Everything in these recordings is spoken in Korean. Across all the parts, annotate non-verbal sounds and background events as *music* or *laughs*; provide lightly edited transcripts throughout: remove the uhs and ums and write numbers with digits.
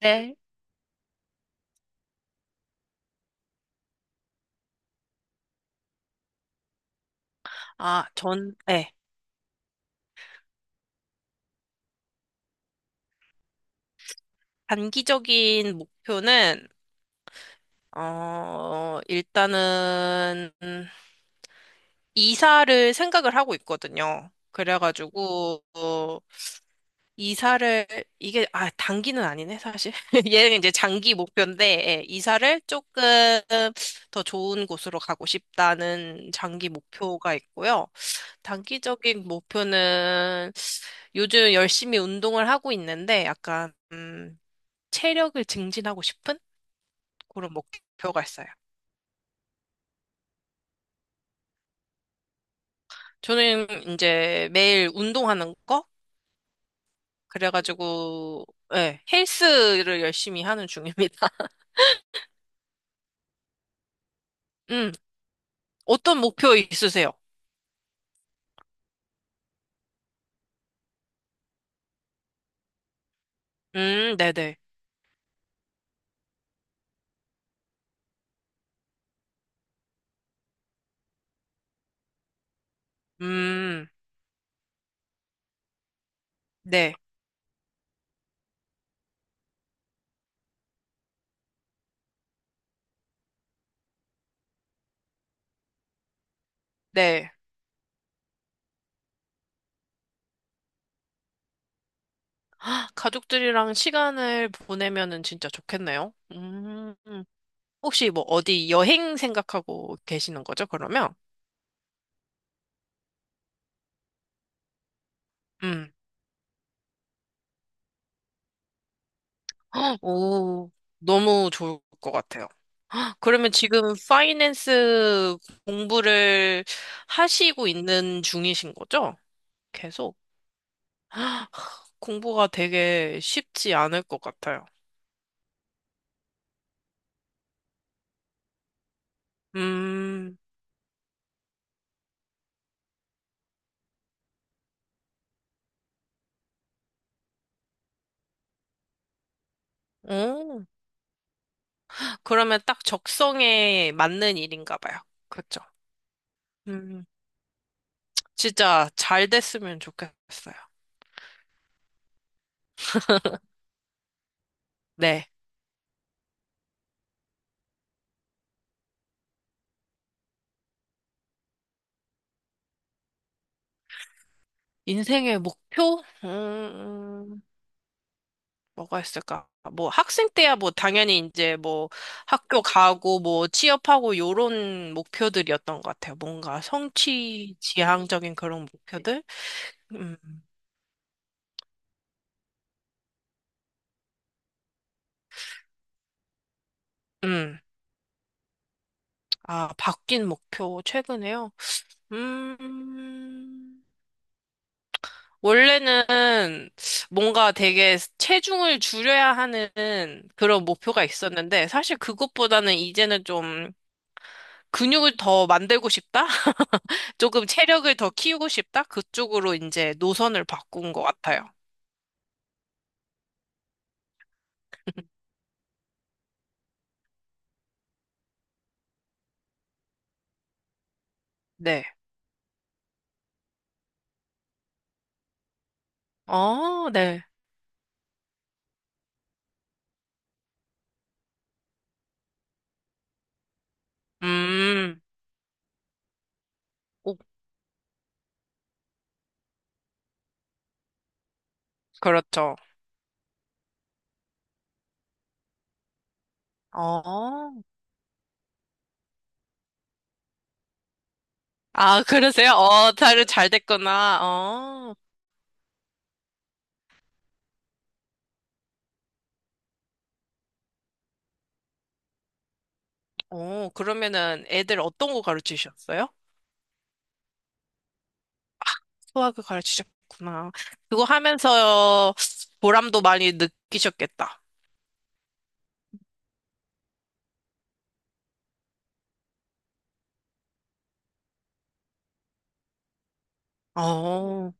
네. 아, 전, 네. 단기적인 목표는, 일단은, 이사를 생각을 하고 있거든요. 그래가지고, 이사를, 이게, 아, 단기는 아니네, 사실. *laughs* 얘는 이제 장기 목표인데, 예, 이사를 조금 더 좋은 곳으로 가고 싶다는 장기 목표가 있고요. 단기적인 목표는 요즘 열심히 운동을 하고 있는데, 약간, 체력을 증진하고 싶은 그런 목표가 있어요. 저는 이제 매일 운동하는 거? 그래가지고, 예, 헬스를 열심히 하는 중입니다. *laughs* 음, 어떤 목표 있으세요? 네네. 음, 네, 네. *gasps* 아, 가족들이랑 시간을 보내면은 진짜 좋겠네요. 혹시 뭐 어디 여행 생각하고 계시는 거죠, 그러면? 음, 오, 너무 좋을 것 같아요. 그러면 지금 파이낸스 공부를 하시고 있는 중이신 거죠? 계속 공부가 되게 쉽지 않을 것 같아요. 음, 오, 그러면 딱 적성에 맞는 일인가 봐요. 그렇죠? 음, 진짜 잘 됐으면 좋겠어요. 네. 인생의 목표? 음. 뭐가 있을까? 뭐 학생 때야 뭐 당연히 이제 뭐 학교 가고 뭐 취업하고 요런 목표들이었던 것 같아요. 뭔가 성취 지향적인 그런 목표들? 음, 음. 아, 바뀐 목표 최근에요? 음. 원래는 뭔가 되게 체중을 줄여야 하는 그런 목표가 있었는데 사실 그것보다는 이제는 좀 근육을 더 만들고 싶다? 조금 체력을 더 키우고 싶다? 그쪽으로 이제 노선을 바꾼 것 같아요. 네. 어, 네. 음, 오, 그렇죠. 어, 아, 그러세요? 어, 잘 됐구나. 어, 어, 그러면은 애들 어떤 거 가르치셨어요? 수학을 가르치셨구나. 그거 하면서 보람도 많이 느끼셨겠다. 어,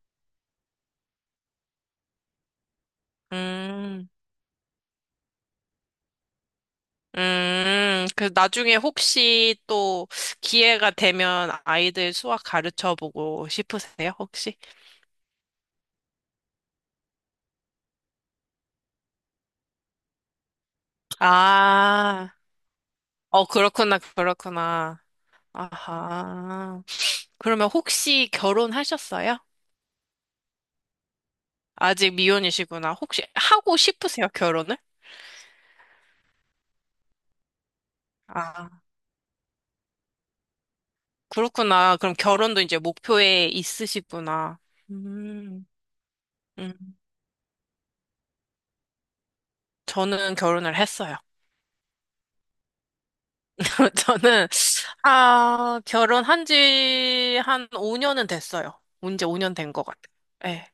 음, 그 나중에 혹시 또 기회가 되면 아이들 수학 가르쳐 보고 싶으세요, 혹시? 아, 어, 그렇구나, 그렇구나. 아하. 그러면 혹시 결혼하셨어요? 아직 미혼이시구나. 혹시 하고 싶으세요, 결혼을? 아, 그렇구나. 그럼 결혼도 이제 목표에 있으시구나. 음, 음. 저는 결혼을 했어요. *laughs* 저는, 결혼한 지 한 5년은 됐어요. 이제 5년 된 것 같아요. 예,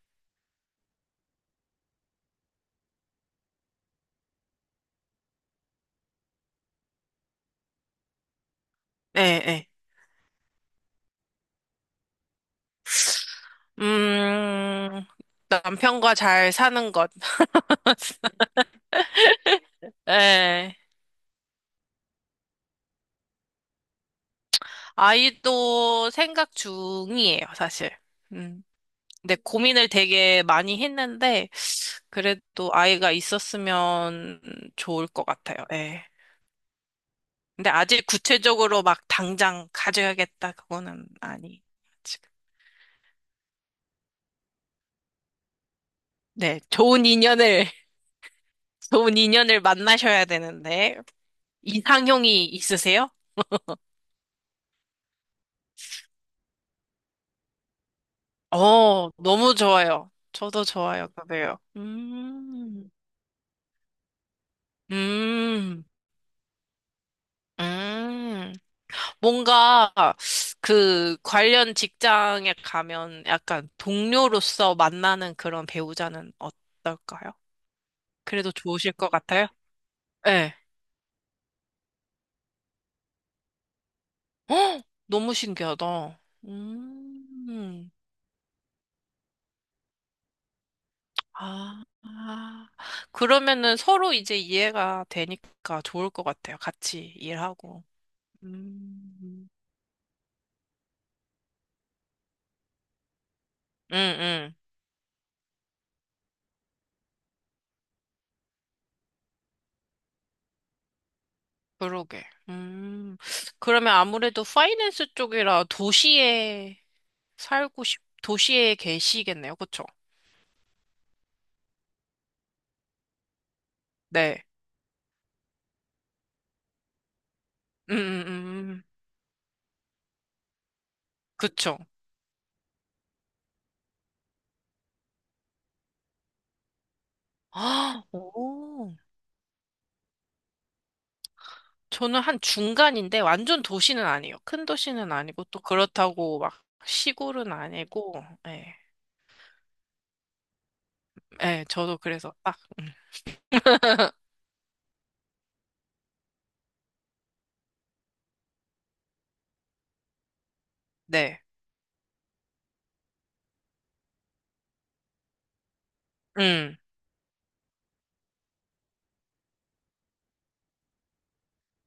예, 예. 음, 남편과 잘 사는 것. *laughs* 예. 아이도 생각 중이에요, 사실. 음. 근데 고민을 되게 많이 했는데, 그래도 아이가 있었으면 좋을 것 같아요. 예. 근데 아직 구체적으로 막 당장 가져야겠다, 그거는 아니. 네, 좋은 인연을, *laughs* 좋은 인연을 만나셔야 되는데, 이상형이 있으세요? 너무 좋아요. 저도 좋아요, 그래요. 음, 음. 뭔가, 그, 관련 직장에 가면 약간 동료로서 만나는 그런 배우자는 어떨까요? 그래도 좋으실 것 같아요? 네. 헉! *gasps* 너무 신기하다. 음. 아, 아. 그러면은 서로 이제 이해가 되니까 좋을 것 같아요. 같이 일하고. 음, 응, 응. 그러게. 음, 그러면 아무래도 파이낸스 쪽이라 도시에 계시겠네요. 그쵸? 네. 음. 그쵸. 아, 오. 저는 한 중간인데 완전 도시는 아니에요. 큰 도시는 아니고 또 그렇다고 막 시골은 아니고, 예. 예, 저도 그래서 딱. 음. 네. 음,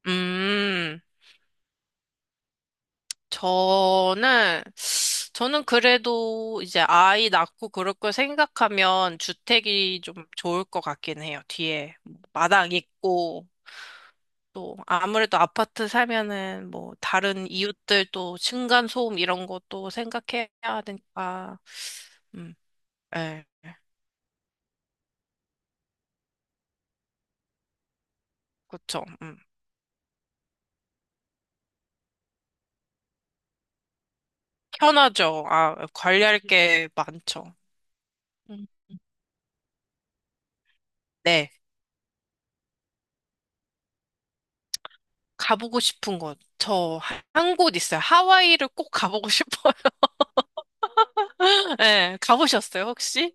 음, 저는, 저는 그래도 이제 아이 낳고 그럴 걸 생각하면 주택이 좀 좋을 것 같긴 해요. 뒤에 마당 있고, 또 아무래도 아파트 살면은 뭐 다른 이웃들 또 층간소음 이런 것도 생각해야 되니까, 음, 예, 그쵸. 편하죠. 아, 관리할 게 많죠. 음. 네. 가보고 싶은 곳. 저 한 곳 있어요. 하와이를 꼭 가보고 싶어요. *laughs* 네, 가보셨어요, 혹시?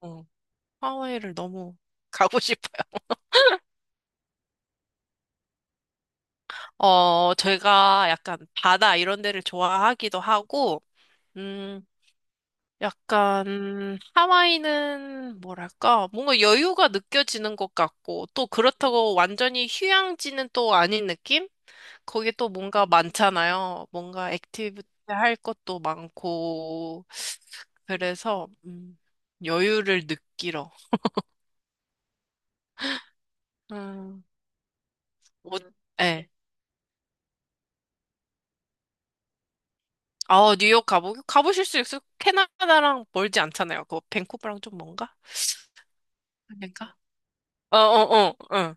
어, 하와이를 너무 가고 싶어요. 제가 약간 바다 이런 데를 좋아하기도 하고, 음, 약간 하와이는 뭐랄까, 뭔가 여유가 느껴지는 것 같고, 또 그렇다고 완전히 휴양지는 또 아닌 느낌? 거기 또 뭔가 많잖아요. 뭔가 액티비티 할 것도 많고. 그래서 여유를 느끼러. 음, 뭐, 네. 아, 뉴욕 가보 가보실 수있요 캐나다랑 멀지 않잖아요. 그거 밴쿠버랑 좀 먼가? 아닌가? 어, 어, 어, 어.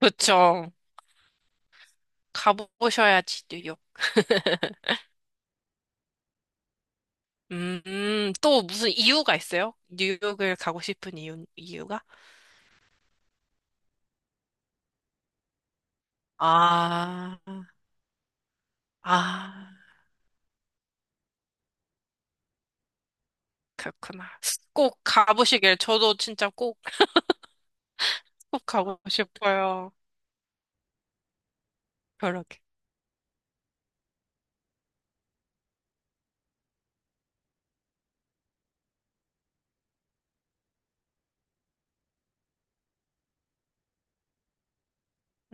그쵸. 가보셔야지 뉴욕. 또 무슨 이유가 있어요? 뉴욕을 가고 싶은 이유가? 아, 아. 그렇구나. 꼭 가보시길. 저도 진짜 꼭, 꼭 가고 싶어요. 그러게.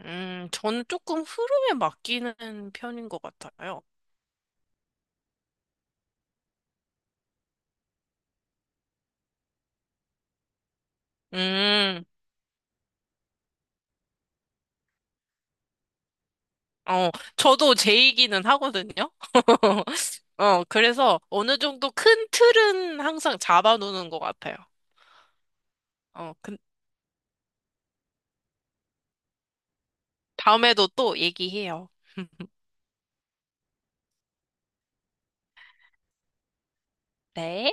저는 조금 흐름에 맡기는 편인 것 같아요. 음, 어, 저도 제이기는 하거든요. *laughs* 그래서 어느 정도 큰 틀은 항상 잡아놓는 것 같아요. 어, 그, 다음에도 또 얘기해요. *laughs* 네.